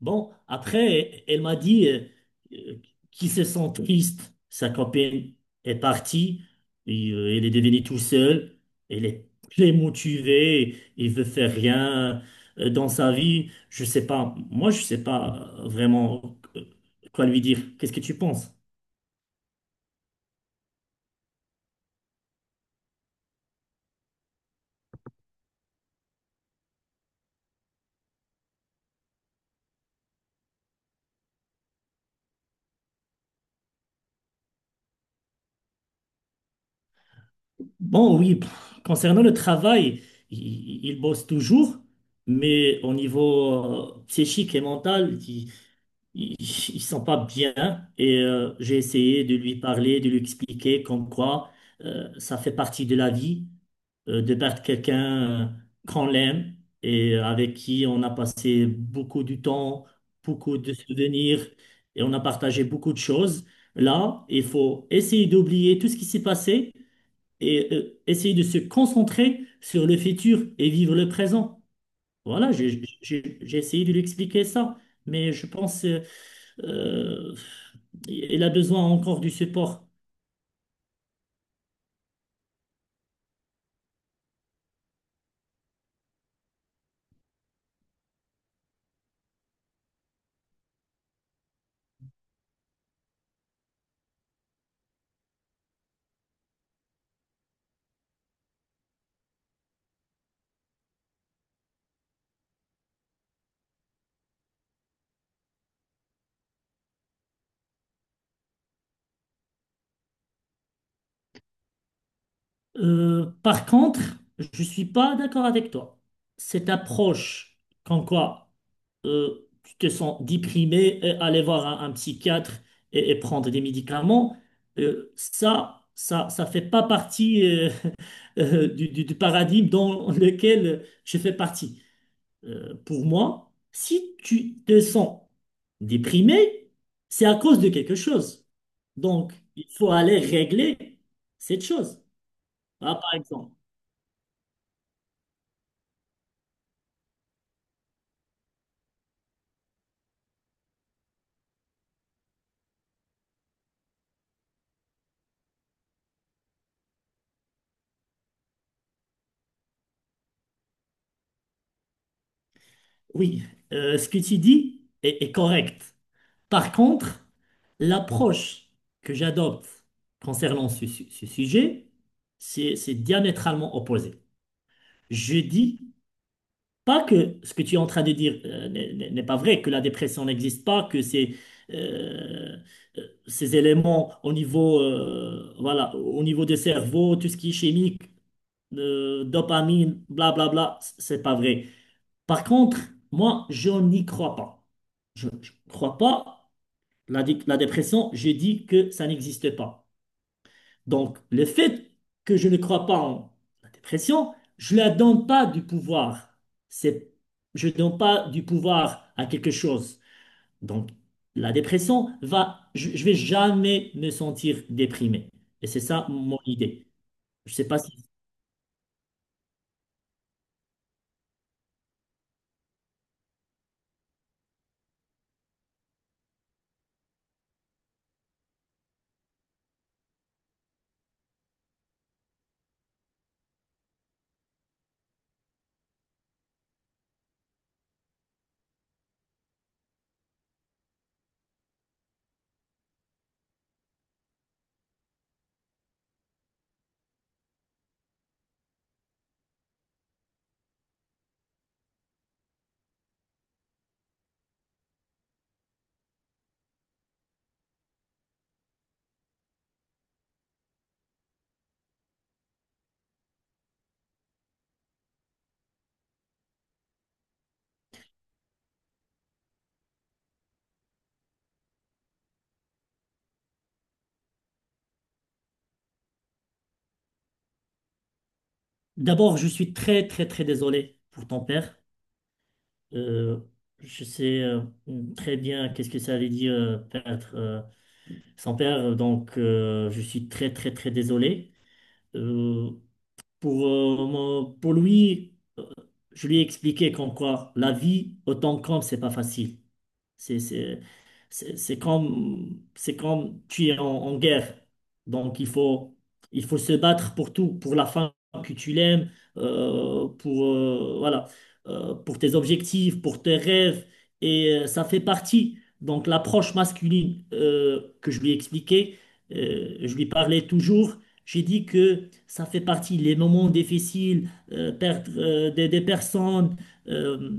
Bon, après, elle m'a dit qu'il se sent triste. Sa copine est partie, et, elle est devenue tout seule, elle est très motivée, il veut faire rien dans sa vie. Je sais pas, moi je sais pas vraiment quoi lui dire. Qu'est-ce que tu penses? Bon, oui, concernant le travail, il bosse toujours, mais au niveau psychique et mental, il sent pas bien et j'ai essayé de lui parler, de lui expliquer comme quoi ça fait partie de la vie, de perdre quelqu'un qu'on l'aime et avec qui on a passé beaucoup de temps, beaucoup de souvenirs, et on a partagé beaucoup de choses. Là, il faut essayer d'oublier tout ce qui s'est passé et essayer de se concentrer sur le futur et vivre le présent. Voilà, j'ai essayé de lui expliquer ça, mais je pense, euh, il a besoin encore du support. Par contre, je suis pas d'accord avec toi. Cette approche, quand quoi, tu te sens déprimé et aller voir un psychiatre, et prendre des médicaments, ça fait pas partie, du paradigme dans lequel je fais partie. Pour moi, si tu te sens déprimé, c'est à cause de quelque chose. Donc, il faut aller régler cette chose. Ah, par exemple, oui, ce que tu dis est, est correct. Par contre, l'approche que j'adopte concernant ce sujet, c'est diamétralement opposé. Je dis pas que ce que tu es en train de dire, n'est pas vrai, que la dépression n'existe pas, que euh, ces éléments au niveau, voilà, au niveau des cerveaux, tout ce qui est chimique, dopamine, blablabla, c'est pas vrai. Par contre, moi, je n'y crois pas. Je ne crois pas. La dépression, je dis que ça n'existe pas. Donc, le fait que je ne crois pas en la dépression, je ne la donne pas du pouvoir. C'est, je ne donne pas du pouvoir à quelque chose. Donc, la dépression va, je vais jamais me sentir déprimé. Et c'est ça mon idée. Je sais pas si. D'abord, je suis très, très, très désolé pour ton père. Euh, je sais très bien qu'est-ce que ça veut dire, perdre son père. Donc, je suis très, très, très désolé. Euh, pour lui, euh, je lui ai expliqué qu'en quoi la vie, autant qu'homme, c'est pas facile. C'est c'est- c'est comme tu es en, en guerre. Donc, il faut se battre pour tout, pour la femme que tu l'aimes, pour, voilà, pour tes objectifs, pour tes rêves. Et ça fait partie. Donc, l'approche masculine, que je lui ai expliquée, je lui parlais toujours. J'ai dit que ça fait partie. Les moments difficiles, perdre, des personnes, euh,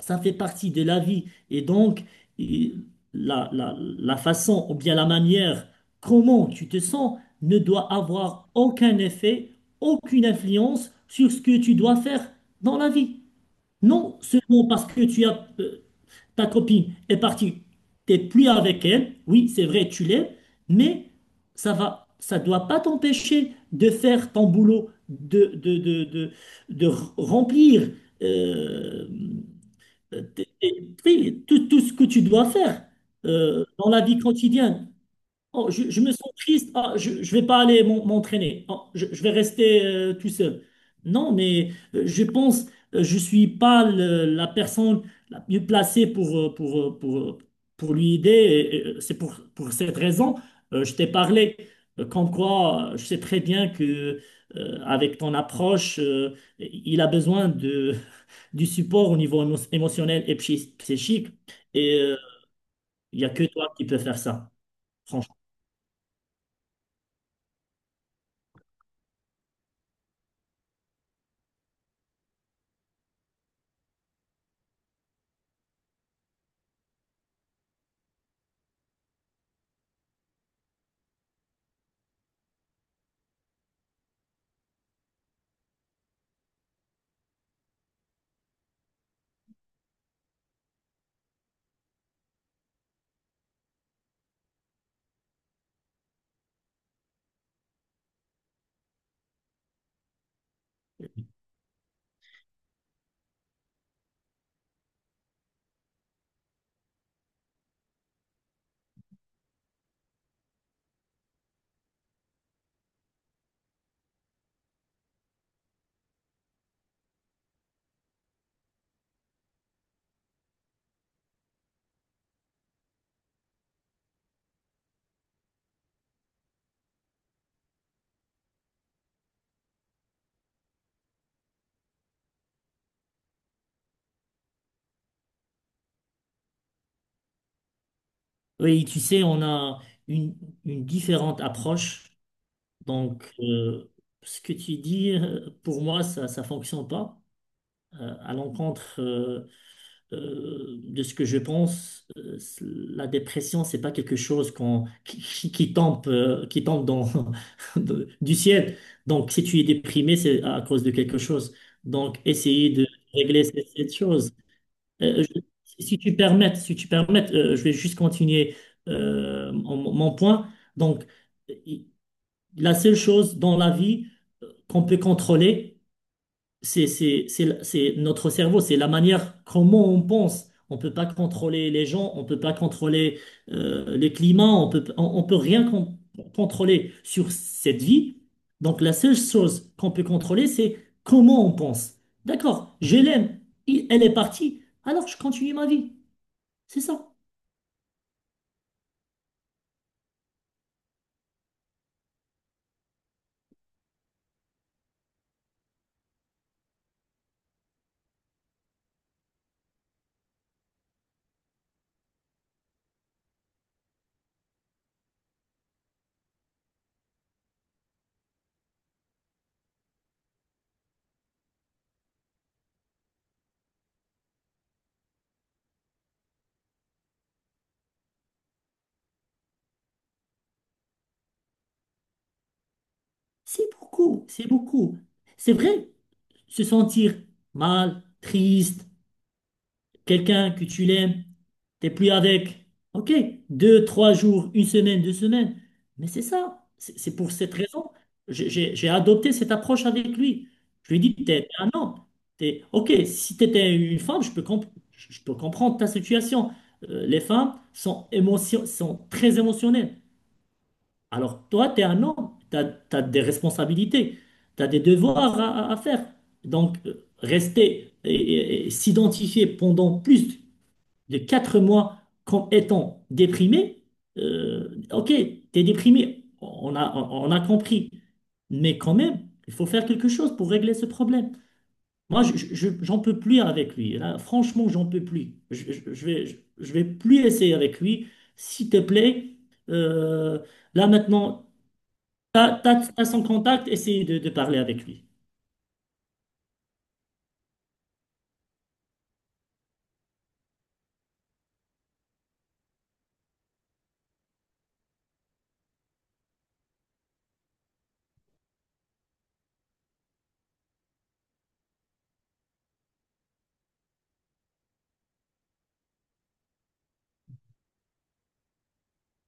ça fait partie de la vie. Et donc, il- la façon ou bien la manière comment tu te sens ne doit avoir aucun effet, aucune influence sur ce que tu dois faire dans la vie. Non seulement parce que ta copine est partie, t'es plus avec elle, oui, c'est vrai, tu l'es, mais ça va, ça doit pas t'empêcher de faire ton boulot, de remplir. euh, T'es pris, tout, tout ce que tu dois faire dans la vie quotidienne. Oh, je me sens triste. Ah, je ne vais pas aller m'entraîner. Oh, je vais rester tout seul. Non, mais je pense, je suis pas la personne la mieux placée pour lui aider. C'est pour cette raison, je t'ai parlé, comme quoi je sais très bien que, avec ton approche, il a besoin, du support au niveau émotionnel et psychique. Et euh, il n'y a que toi qui peux faire ça, franchement. Oui, tu sais, on a une, une différente approche. Donc, ce que tu dis, pour moi, ça ne fonctionne pas, à l'encontre, de ce que je pense. La dépression, c'est pas quelque chose qui tombe dans, du ciel. Donc, si tu es déprimé, c'est à cause de quelque chose. Donc, essayer de régler cette chose. Euh, je- si tu permets, je vais juste continuer, mon point. Donc, i- la seule chose dans la vie qu'on peut contrôler, c'est notre cerveau, c'est la manière comment on pense. On peut pas contrôler les gens, on peut pas contrôler, les climats. On peut rien contrôler sur cette vie. Donc la seule chose qu'on peut contrôler, c'est comment on pense. D'accord, je l'aime, elle est partie, alors je continue ma vie. C'est ça. C'est beaucoup, c'est beaucoup. C'est vrai, se sentir mal, triste, quelqu'un que tu l'aimes. T'es plus avec, ok, 2, 3 jours, une semaine, 2 semaines. Mais c'est ça, c'est pour cette raison. J'ai adopté cette approche avec lui. Je lui ai dit, t'es un homme. T'es, ok, si t'étais une femme, je peux comprendre ta situation. Les femmes sont très émotionnelles. Alors toi, t'es un homme, t'as des responsabilités, t'as des devoirs à faire. Donc, rester et s'identifier pendant plus de 4 mois comme étant déprimé, ok, t'es déprimé, on a compris. Mais quand même, il faut faire quelque chose pour régler ce problème. Moi, j'en peux plus avec lui. Là, franchement, j'en peux plus. Je vais plus essayer avec lui. S'il te plaît, euh, là maintenant, t'as son contact, essaye de parler avec lui.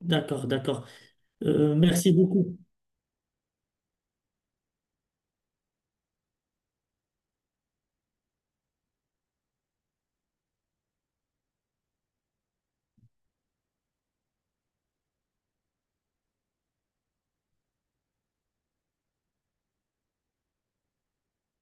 D'accord, d'accord. Merci beaucoup.